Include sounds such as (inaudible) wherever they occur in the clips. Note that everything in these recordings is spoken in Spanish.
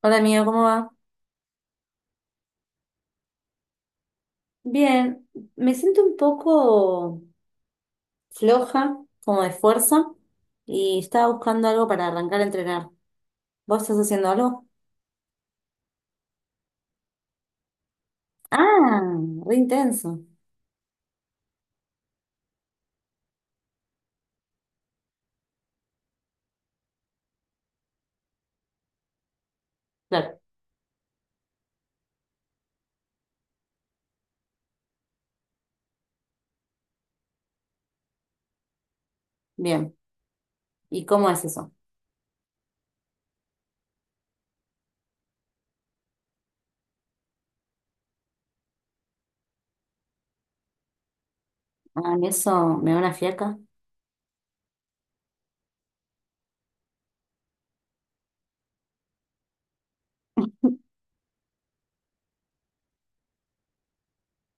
Hola amigo, ¿cómo va? Bien, me siento un poco floja, como de fuerza, y estaba buscando algo para arrancar a entrenar. ¿Vos estás haciendo algo? Ah, re intenso. Claro, bien. ¿Y cómo es eso? Ah, mí eso me da una fiaca.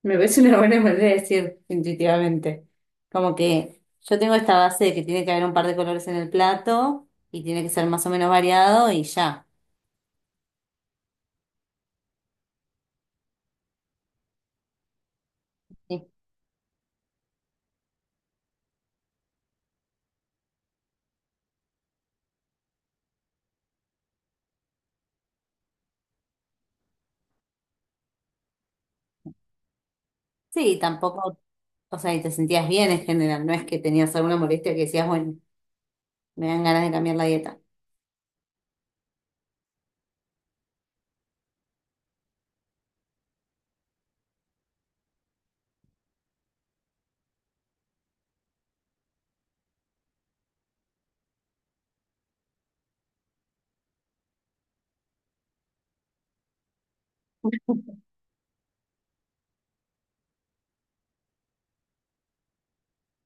Me parece una buena manera de decir intuitivamente. Como que yo tengo esta base de que tiene que haber un par de colores en el plato y tiene que ser más o menos variado y ya. Sí, sí, tampoco. O sea, y te sentías bien en general, no es que tenías alguna molestia que decías, bueno, me dan ganas de cambiar la dieta.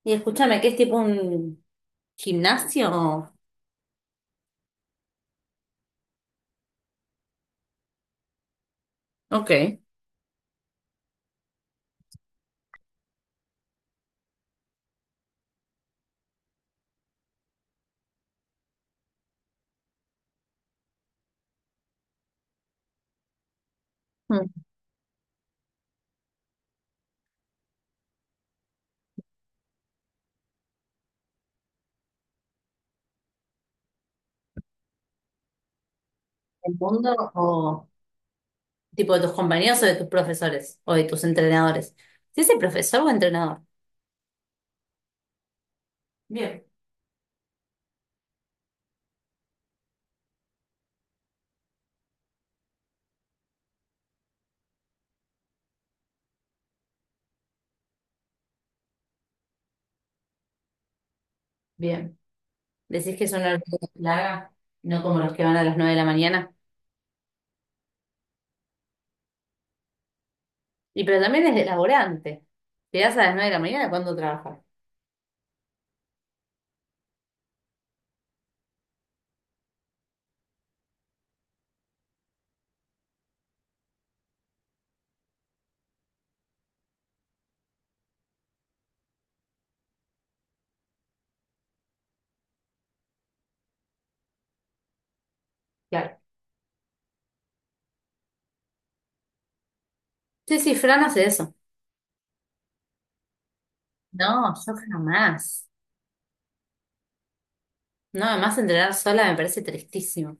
Y escúchame, ¿qué es tipo un gimnasio? Ok. Mm. ¿Del mundo o tipo de tus compañeros o de tus profesores o de tus entrenadores? ¿Sí es profesor o entrenador? Bien. Bien. Decís que son horarios larga, no como los que van a las 9 de la mañana. Y pero también es de laburante. Llegás a las 9 de la mañana cuando trabajas. Claro. Sí, sí, Fran hace eso. No, yo jamás. No, además entrenar sola me parece tristísimo.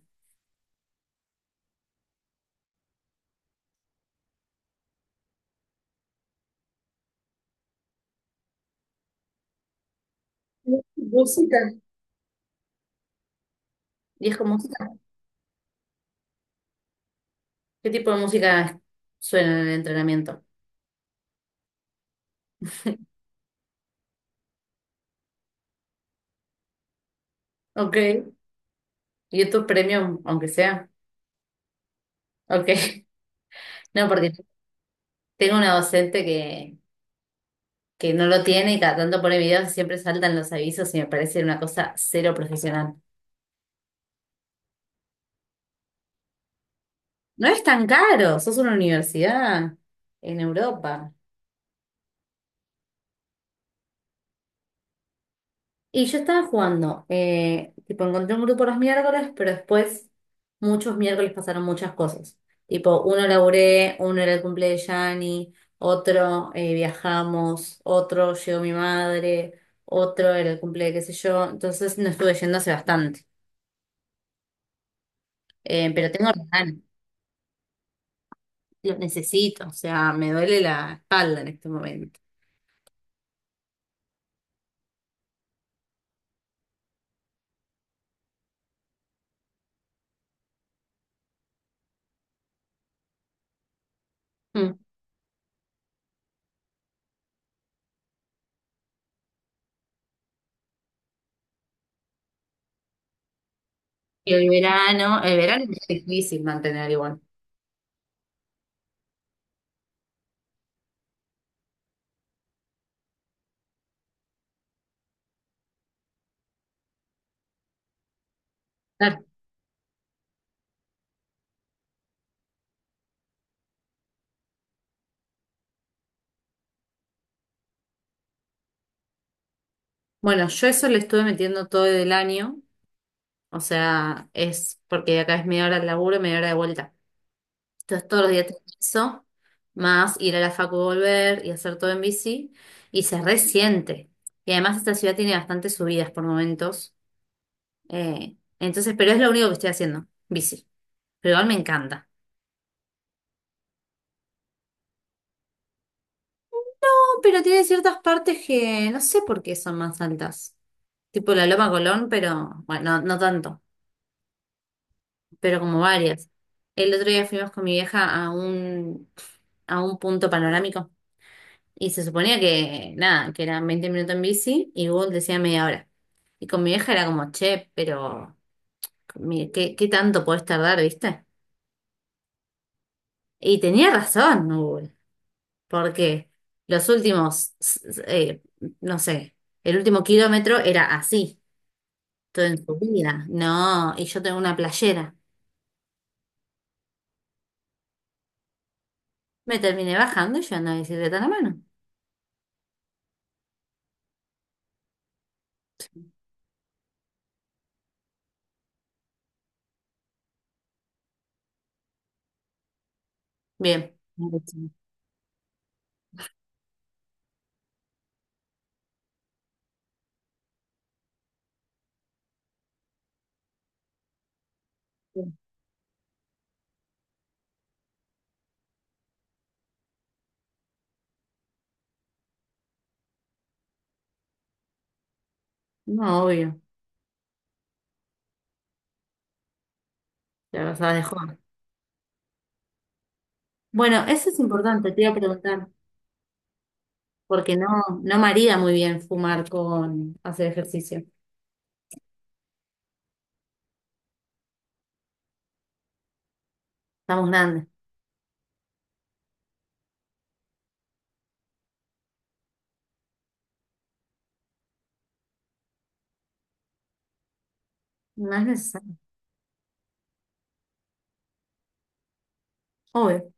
Música. ¿Y es como, qué tipo de música suena en el entrenamiento? Ok, y esto es premium, aunque sea. Ok, (laughs) no, porque tengo una docente que no lo tiene y cada tanto pone videos y siempre saltan los avisos y me parece una cosa cero profesional. No es tan caro, sos una universidad en Europa. Y yo estaba jugando, tipo, encontré un grupo los miércoles, pero después muchos miércoles pasaron muchas cosas. Tipo, uno laburé, uno era el cumple de Yanni, otro viajamos, otro llegó mi madre, otro era el cumple de qué sé yo. Entonces no estuve yendo hace bastante. Pero tengo las ganas, lo necesito, o sea, me duele la espalda en este momento. Mm. Y el verano es difícil mantener igual. Claro. Bueno, yo eso le estuve metiendo todo el año. O sea, es porque de acá es media hora de laburo, y media hora de vuelta. Entonces todos los días tengo eso, más ir a la facu, y volver y hacer todo en bici, y se resiente. Y además esta ciudad tiene bastantes subidas por momentos, entonces, pero es lo único que estoy haciendo, bici. Pero igual me encanta. No, pero tiene ciertas partes que no sé por qué son más altas. Tipo la Loma Colón, pero bueno, no, no tanto, pero como varias. El otro día fuimos con mi vieja a un punto panorámico. Y se suponía que, nada, que eran 20 minutos en bici y Google decía media hora. Y con mi vieja era como, che, pero mire, ¿qué, qué tanto podés tardar, viste? Y tenía razón Google, porque los últimos, no sé, el último kilómetro era así, todo en subida, no, y yo tengo una playera. Me terminé bajando y yo ando en bicicleta en la mano. Bien. No, obvio, la verdad dejó. Bueno, eso es importante, te iba a preguntar. Porque no, no marida muy bien fumar con hacer ejercicio. Estamos grandes. No es necesario. Obvio.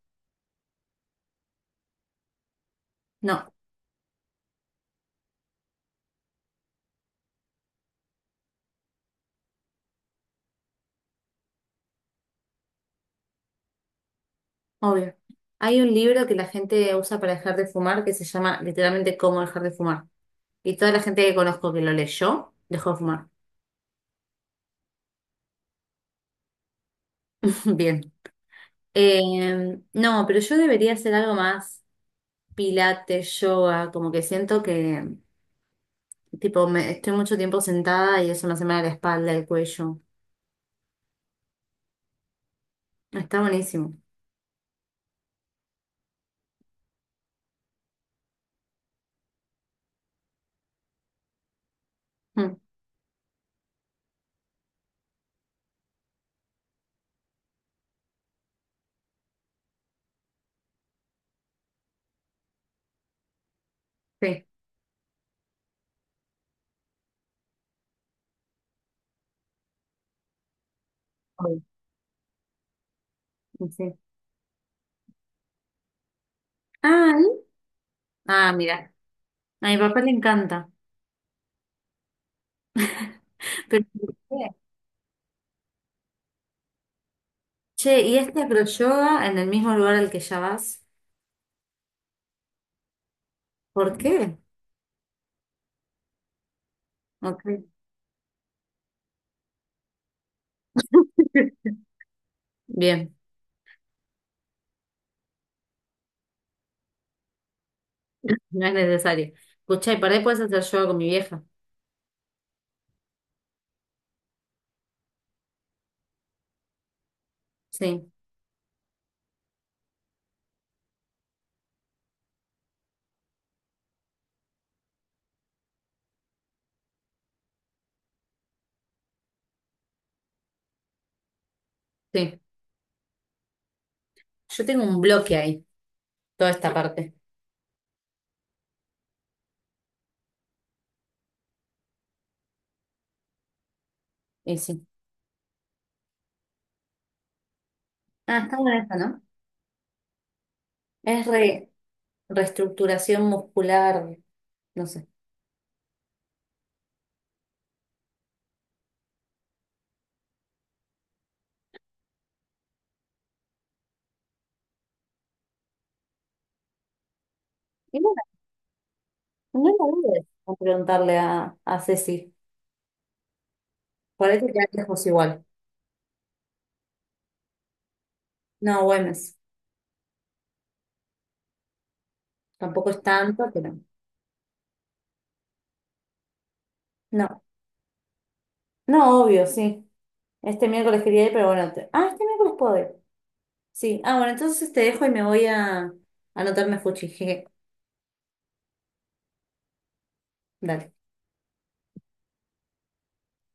No, obvio. Hay un libro que la gente usa para dejar de fumar que se llama literalmente Cómo dejar de fumar. Y toda la gente que conozco que lo leyó dejó de fumar. (laughs) Bien. No, pero yo debería hacer algo más, pilates, yoga, como que siento que tipo me, estoy mucho tiempo sentada y eso me hace mal a la espalda, el cuello. Está buenísimo. Mm, sí. Obvio. Sí. Ah, Ah, mira, a mi papá le encanta. (laughs) Pero, ¿por qué? Che, ¿y este acroyoga en el mismo lugar al que ya vas? ¿Por qué? Ok. (laughs) Bien, no es necesario. Escuchá, y por ahí puedes hacer yoga con mi vieja. Sí, sí. Yo tengo un bloque ahí, toda esta parte. Y sí. Ah, está buena esta, ¿no? Es reestructuración muscular, no sé. Y bueno, no la dudes a preguntarle a Ceci. Por ahí te quedas lejos igual. No, Güemes. Tampoco es tanto, pero. No, no, obvio, sí. Este miércoles quería ir, pero bueno. Ah, este miércoles puedo ir. Sí. Ah, bueno, entonces te dejo y me voy a anotarme fuchi. Jeje. Dale.